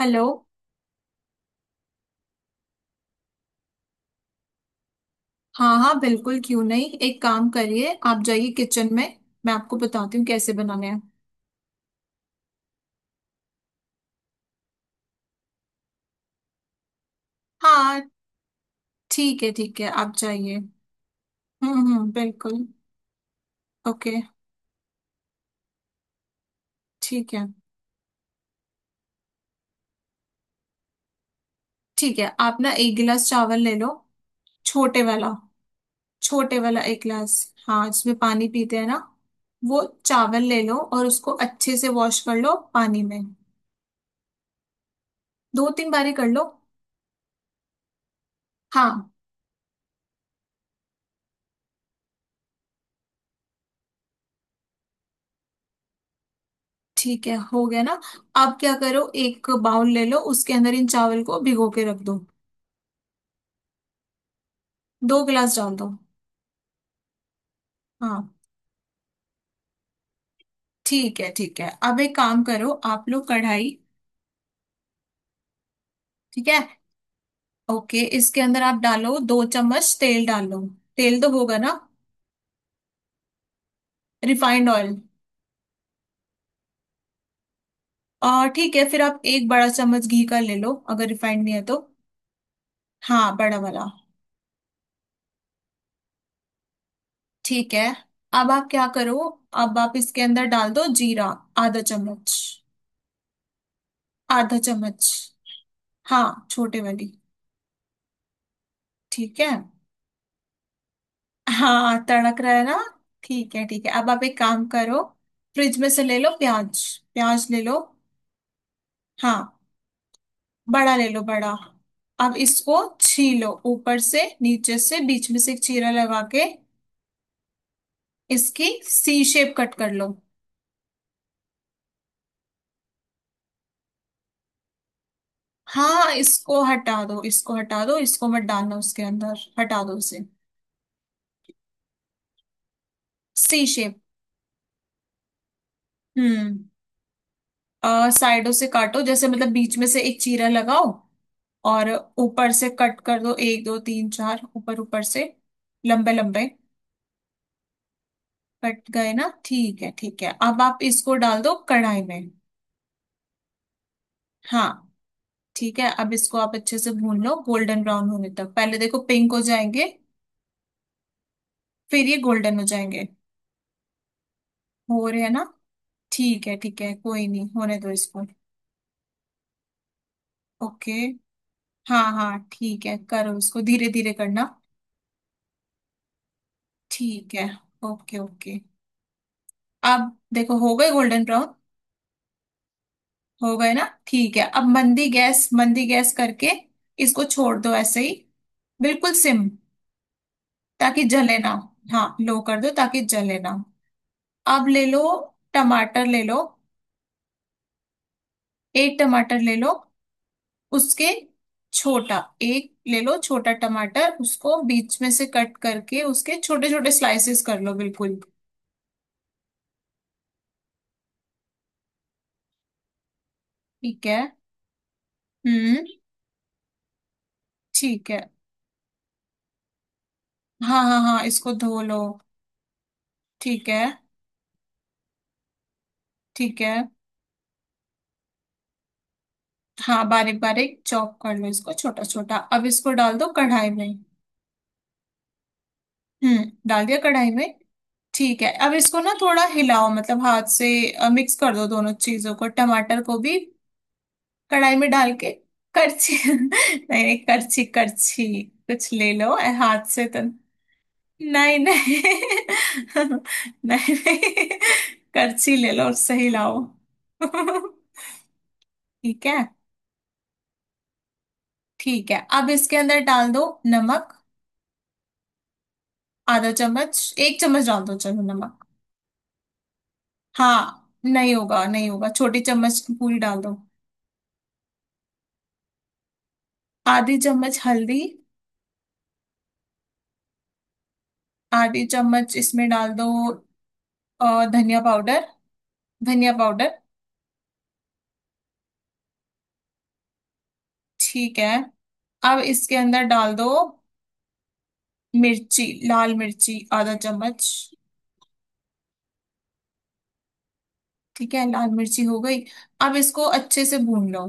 Hello. हाँ हाँ, बिल्कुल, क्यों नहीं। एक काम करिए, आप जाइए किचन में। मैं आपको बताती हूँ कैसे बनाने हैं। हाँ, ठीक है ठीक है, आप जाइए। हम्म, बिल्कुल। ओके। ठीक है ठीक है। आप ना 1 गिलास चावल ले लो। छोटे वाला। छोटे वाला, एक गिलास। हाँ, जिसमें पानी पीते हैं ना। वो चावल ले लो और उसको अच्छे से वॉश कर लो पानी में। 2 3 बारी कर लो। हाँ, ठीक है, हो गया ना। अब क्या करो, एक बाउल ले लो, उसके अंदर इन चावल को भिगो के रख दो। 2 गिलास डाल दो। हाँ, ठीक है ठीक है। अब एक काम करो, आप लोग कढ़ाई। ठीक है, ओके। इसके अंदर आप डालो, 2 चम्मच तेल डाल लो। तेल तो होगा ना। Refined oil. और ठीक है, फिर आप 1 बड़ा चम्मच घी का ले लो अगर रिफाइंड नहीं है तो। हाँ, बड़ा वाला। ठीक है। अब आप क्या करो। अब आप इसके अंदर डाल दो जीरा, 1/2 चम्मच। आधा चम्मच। हाँ, छोटे वाली। ठीक है। हाँ, तड़क रहा है ना। ठीक है ठीक है। अब आप एक काम करो, फ्रिज में से ले लो प्याज। प्याज ले लो। हाँ, बड़ा ले लो, बड़ा। अब इसको छीलो ऊपर से नीचे से, बीच में से एक चीरा लगा के। इसकी सी शेप कट कर लो। हाँ, इसको हटा दो, इसको हटा दो, इसको मत डालना उसके अंदर, हटा दो उसे। सी शेप। हम्म। साइडों से काटो, जैसे मतलब बीच में से एक चीरा लगाओ। और ऊपर से कट कर दो, एक दो तीन चार ऊपर, ऊपर से। लंबे लंबे। कट गए ना। ठीक है ठीक है। अब आप इसको डाल दो कढ़ाई में। हाँ। ठीक है। अब इसको आप अच्छे से भून लो गोल्डन ब्राउन होने तक। पहले देखो पिंक हो जाएंगे, फिर ये गोल्डन हो जाएंगे। हो रहे हैं ना। ठीक है ठीक है, कोई नहीं, होने दो इसको। ओके। हाँ हाँ, ठीक है। करो इसको, धीरे धीरे करना। ठीक है। Okay okay. अब देखो हो गए गोल्डन ब्राउन। हो गए ना। ठीक है, अब मंदी गैस करके इसको छोड़ दो ऐसे ही। बिल्कुल सिम। ताकि जले ना। हाँ, लो कर दो ताकि जले ना। अब ले लो। टमाटर ले लो। 1 टमाटर ले लो। उसके। छोटा एक ले लो, छोटा टमाटर। उसको बीच में से कट करके उसके छोटे छोटे स्लाइसेस कर लो, बिल्कुल। ठीक है। हम्म। ठीक है। हाँ हाँ हाँ, इसको धो लो। ठीक है। ठीक है। हाँ, बारीक बारीक चॉप कर लो इसको, छोटा छोटा। अब इसको डाल दो कढ़ाई में। हम्म। डाल दिया कढ़ाई में। ठीक है, अब इसको ना थोड़ा हिलाओ, मतलब हाथ से। मिक्स कर दो दोनों चीजों को, टमाटर को भी। कढ़ाई में डाल के। करछी। नहीं नहीं, करछी, करछी। कुछ ले लो, हाथ से तो नहीं नहीं। नहीं, नहीं, करछी ले लो उससे हिलाओ। ठीक है ठीक है। अब इसके अंदर डाल दो नमक। आधा चम्मच। 1 चम्मच डाल दो चलो, नमक। हाँ, नहीं होगा नहीं होगा, छोटी चम्मच पूरी डाल दो। 1/2 चम्मच हल्दी। आधी चम्मच इसमें डाल दो। धनिया पाउडर। धनिया पाउडर। ठीक है। अब इसके अंदर डाल दो मिर्ची, लाल मिर्ची, 1/2 चम्मच। ठीक है, लाल मिर्ची हो गई। अब इसको अच्छे से भून लो।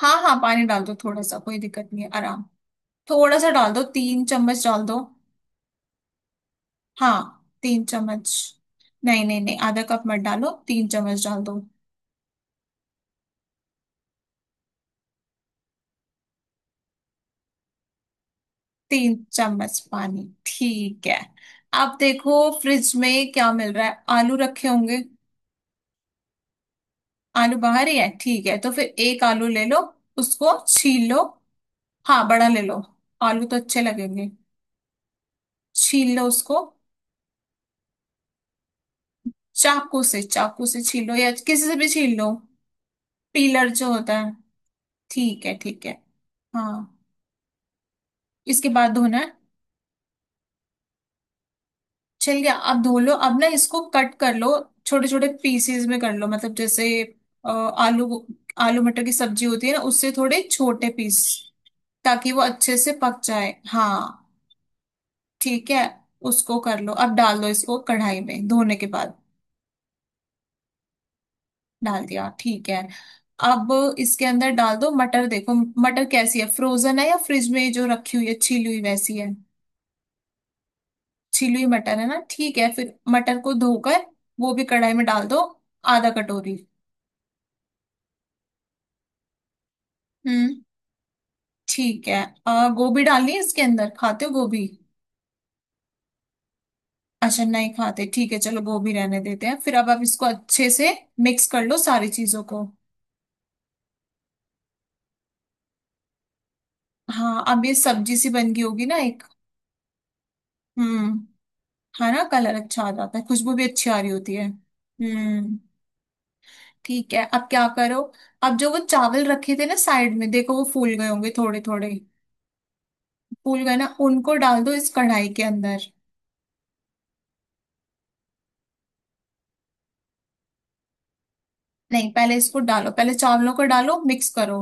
हाँ हाँ, पानी डाल दो थोड़ा सा, कोई दिक्कत नहीं है, आराम। थोड़ा सा डाल दो, 3 चम्मच डाल दो। हाँ। तीन चम्मच। नहीं नहीं नहीं, 1/2 कप मत डालो, तीन चम्मच डाल दो। तीन चम्मच पानी, ठीक है। अब देखो फ्रिज में क्या मिल रहा है, आलू रखे होंगे। आलू बाहर ही है, ठीक है। तो फिर 1 आलू ले लो, उसको छील लो। हाँ, बड़ा ले लो। आलू तो अच्छे लगेंगे। छील लो उसको। चाकू से, चाकू से छील लो, या किसी से भी छील लो। पीलर जो होता है। ठीक है ठीक है। हाँ, इसके बाद धोना है। छिल गया अब धो लो। अब ना इसको कट कर लो, छोटे छोटे पीसेस में कर लो, मतलब जैसे आलू। आलू मटर की सब्जी होती है ना, उससे थोड़े छोटे पीस, ताकि वो अच्छे से पक जाए, हाँ। ठीक है। उसको कर लो। अब डाल दो इसको कढ़ाई में धोने के बाद। डाल दिया, ठीक है। अब इसके अंदर डाल दो मटर, देखो मटर कैसी है, फ्रोजन है या फ्रिज में जो रखी हुई है छीली हुई, वैसी है। छीली हुई मटर है ना, ठीक है। फिर मटर को धोकर वो भी कढ़ाई में डाल दो। 1/2 कटोरी। हम्म। ठीक है। गोभी डालनी है इसके अंदर, खाते हो गोभी। अच्छा नहीं खाते, ठीक है, चलो गोभी रहने देते हैं। फिर अब आप इसको अच्छे से मिक्स कर लो सारी चीजों को। हाँ, अब ये सब्जी सी बन गई होगी ना, एक। हम्म। है ना, कलर अच्छा आ जाता है, खुशबू भी अच्छी आ रही होती है। हम्म। ठीक है, अब क्या करो। अब जो वो चावल रखे थे ना साइड में, देखो वो फूल गए होंगे थोड़े थोड़े। फूल गए ना, उनको डाल दो इस कढ़ाई के अंदर। नहीं, पहले इसको डालो, पहले चावलों को डालो, मिक्स करो।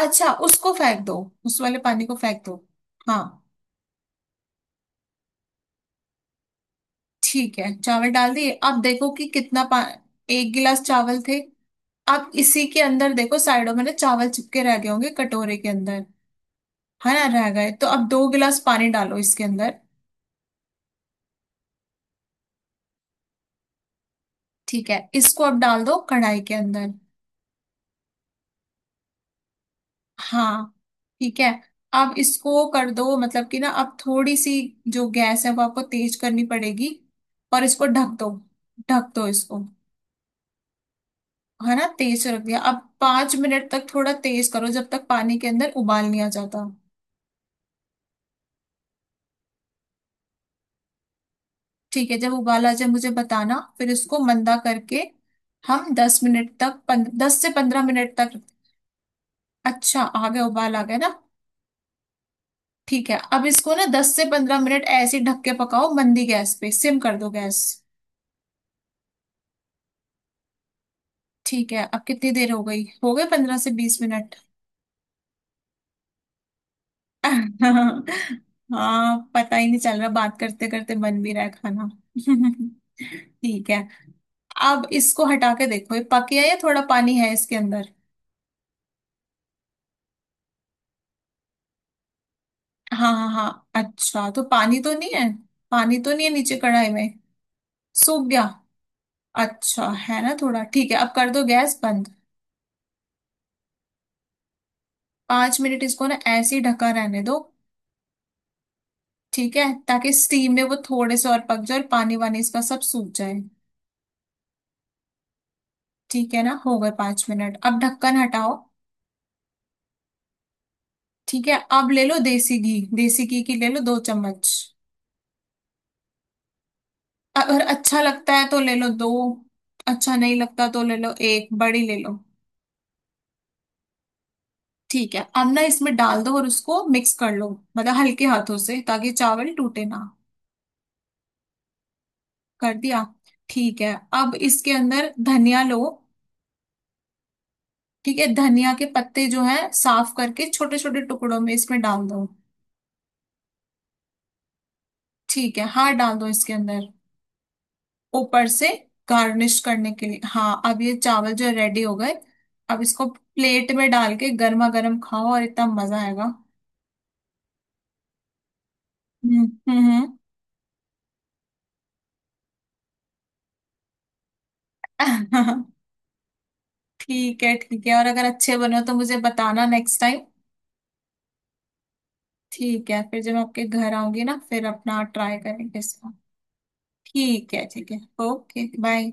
अच्छा, उसको फेंक दो। उस वाले पानी को फेंक दो। हाँ, ठीक है, चावल डाल दिए। आप देखो कि कितना पा, एक गिलास चावल थे। आप इसी के अंदर देखो, साइडों में ना चावल चिपके रह गए होंगे कटोरे के अंदर। है ना, रह गए तो अब 2 गिलास पानी डालो इसके अंदर। ठीक है, इसको अब डाल दो कढ़ाई के अंदर। हाँ, ठीक है। अब इसको कर दो, मतलब कि ना, अब थोड़ी सी, जो गैस है वो आपको तेज करनी पड़ेगी। और इसको ढक दो। ढक दो इसको। है ना, तेज रख दिया। अब 5 मिनट तक थोड़ा तेज करो जब तक पानी के अंदर उबाल नहीं आ जाता। ठीक है, जब उबाल आ जाए मुझे बताना, फिर इसको मंदा करके हम 10 मिनट तक 10 से 15 मिनट तक। अच्छा, आ गया, उबाल आ गया ना। ठीक है, अब इसको ना 10 से 15 मिनट ऐसे ही ढक के पकाओ, मंदी गैस पे, सिम कर दो गैस। ठीक है, अब कितनी देर हो गई। हो गए 15 से 20 मिनट। हाँ, पता ही नहीं चल रहा, बात करते करते बन भी रहा है खाना। ठीक है। अब इसको हटा के देखो ये पक गया या थोड़ा पानी है इसके अंदर। हाँ हाँ हाँ, अच्छा, तो पानी तो नहीं है। पानी तो नहीं है नीचे कढ़ाई में। सूख गया। अच्छा है ना थोड़ा, ठीक है। अब कर दो गैस बंद। 5 मिनट इसको ना ऐसे ही ढका रहने दो। ठीक है, ताकि स्टीम में वो थोड़े से और पक जाए, और पानी वानी इसका सब सूख जाए। ठीक है ना, हो गए 5 मिनट, अब ढक्कन हटाओ। ठीक है, अब ले लो देसी घी। देसी घी की ले लो, 2 चम्मच। अगर अच्छा लगता है तो ले लो दो, अच्छा नहीं लगता तो ले लो एक, बड़ी ले लो। ठीक है, अब ना इसमें डाल दो, और उसको मिक्स कर लो, मतलब हल्के हाथों से, ताकि चावल टूटे ना। कर दिया। ठीक है, अब इसके अंदर धनिया लो। ठीक है, धनिया के पत्ते जो है साफ करके छोटे छोटे टुकड़ों में इसमें डाल दो। ठीक है, हाँ, डाल दो इसके अंदर, ऊपर से, गार्निश करने के लिए। हाँ, अब ये चावल जो रेडी हो गए, अब इसको प्लेट में डाल के गर्मा गर्म खाओ, और इतना मजा आएगा। हम्म हम्म। ठीक है ठीक है, और अगर अच्छे बनो तो मुझे बताना नेक्स्ट टाइम। ठीक है, फिर जब मैं आपके घर आऊंगी ना, फिर अपना ट्राई करेंगे इसका। ठीक है ठीक है। Okay, bye.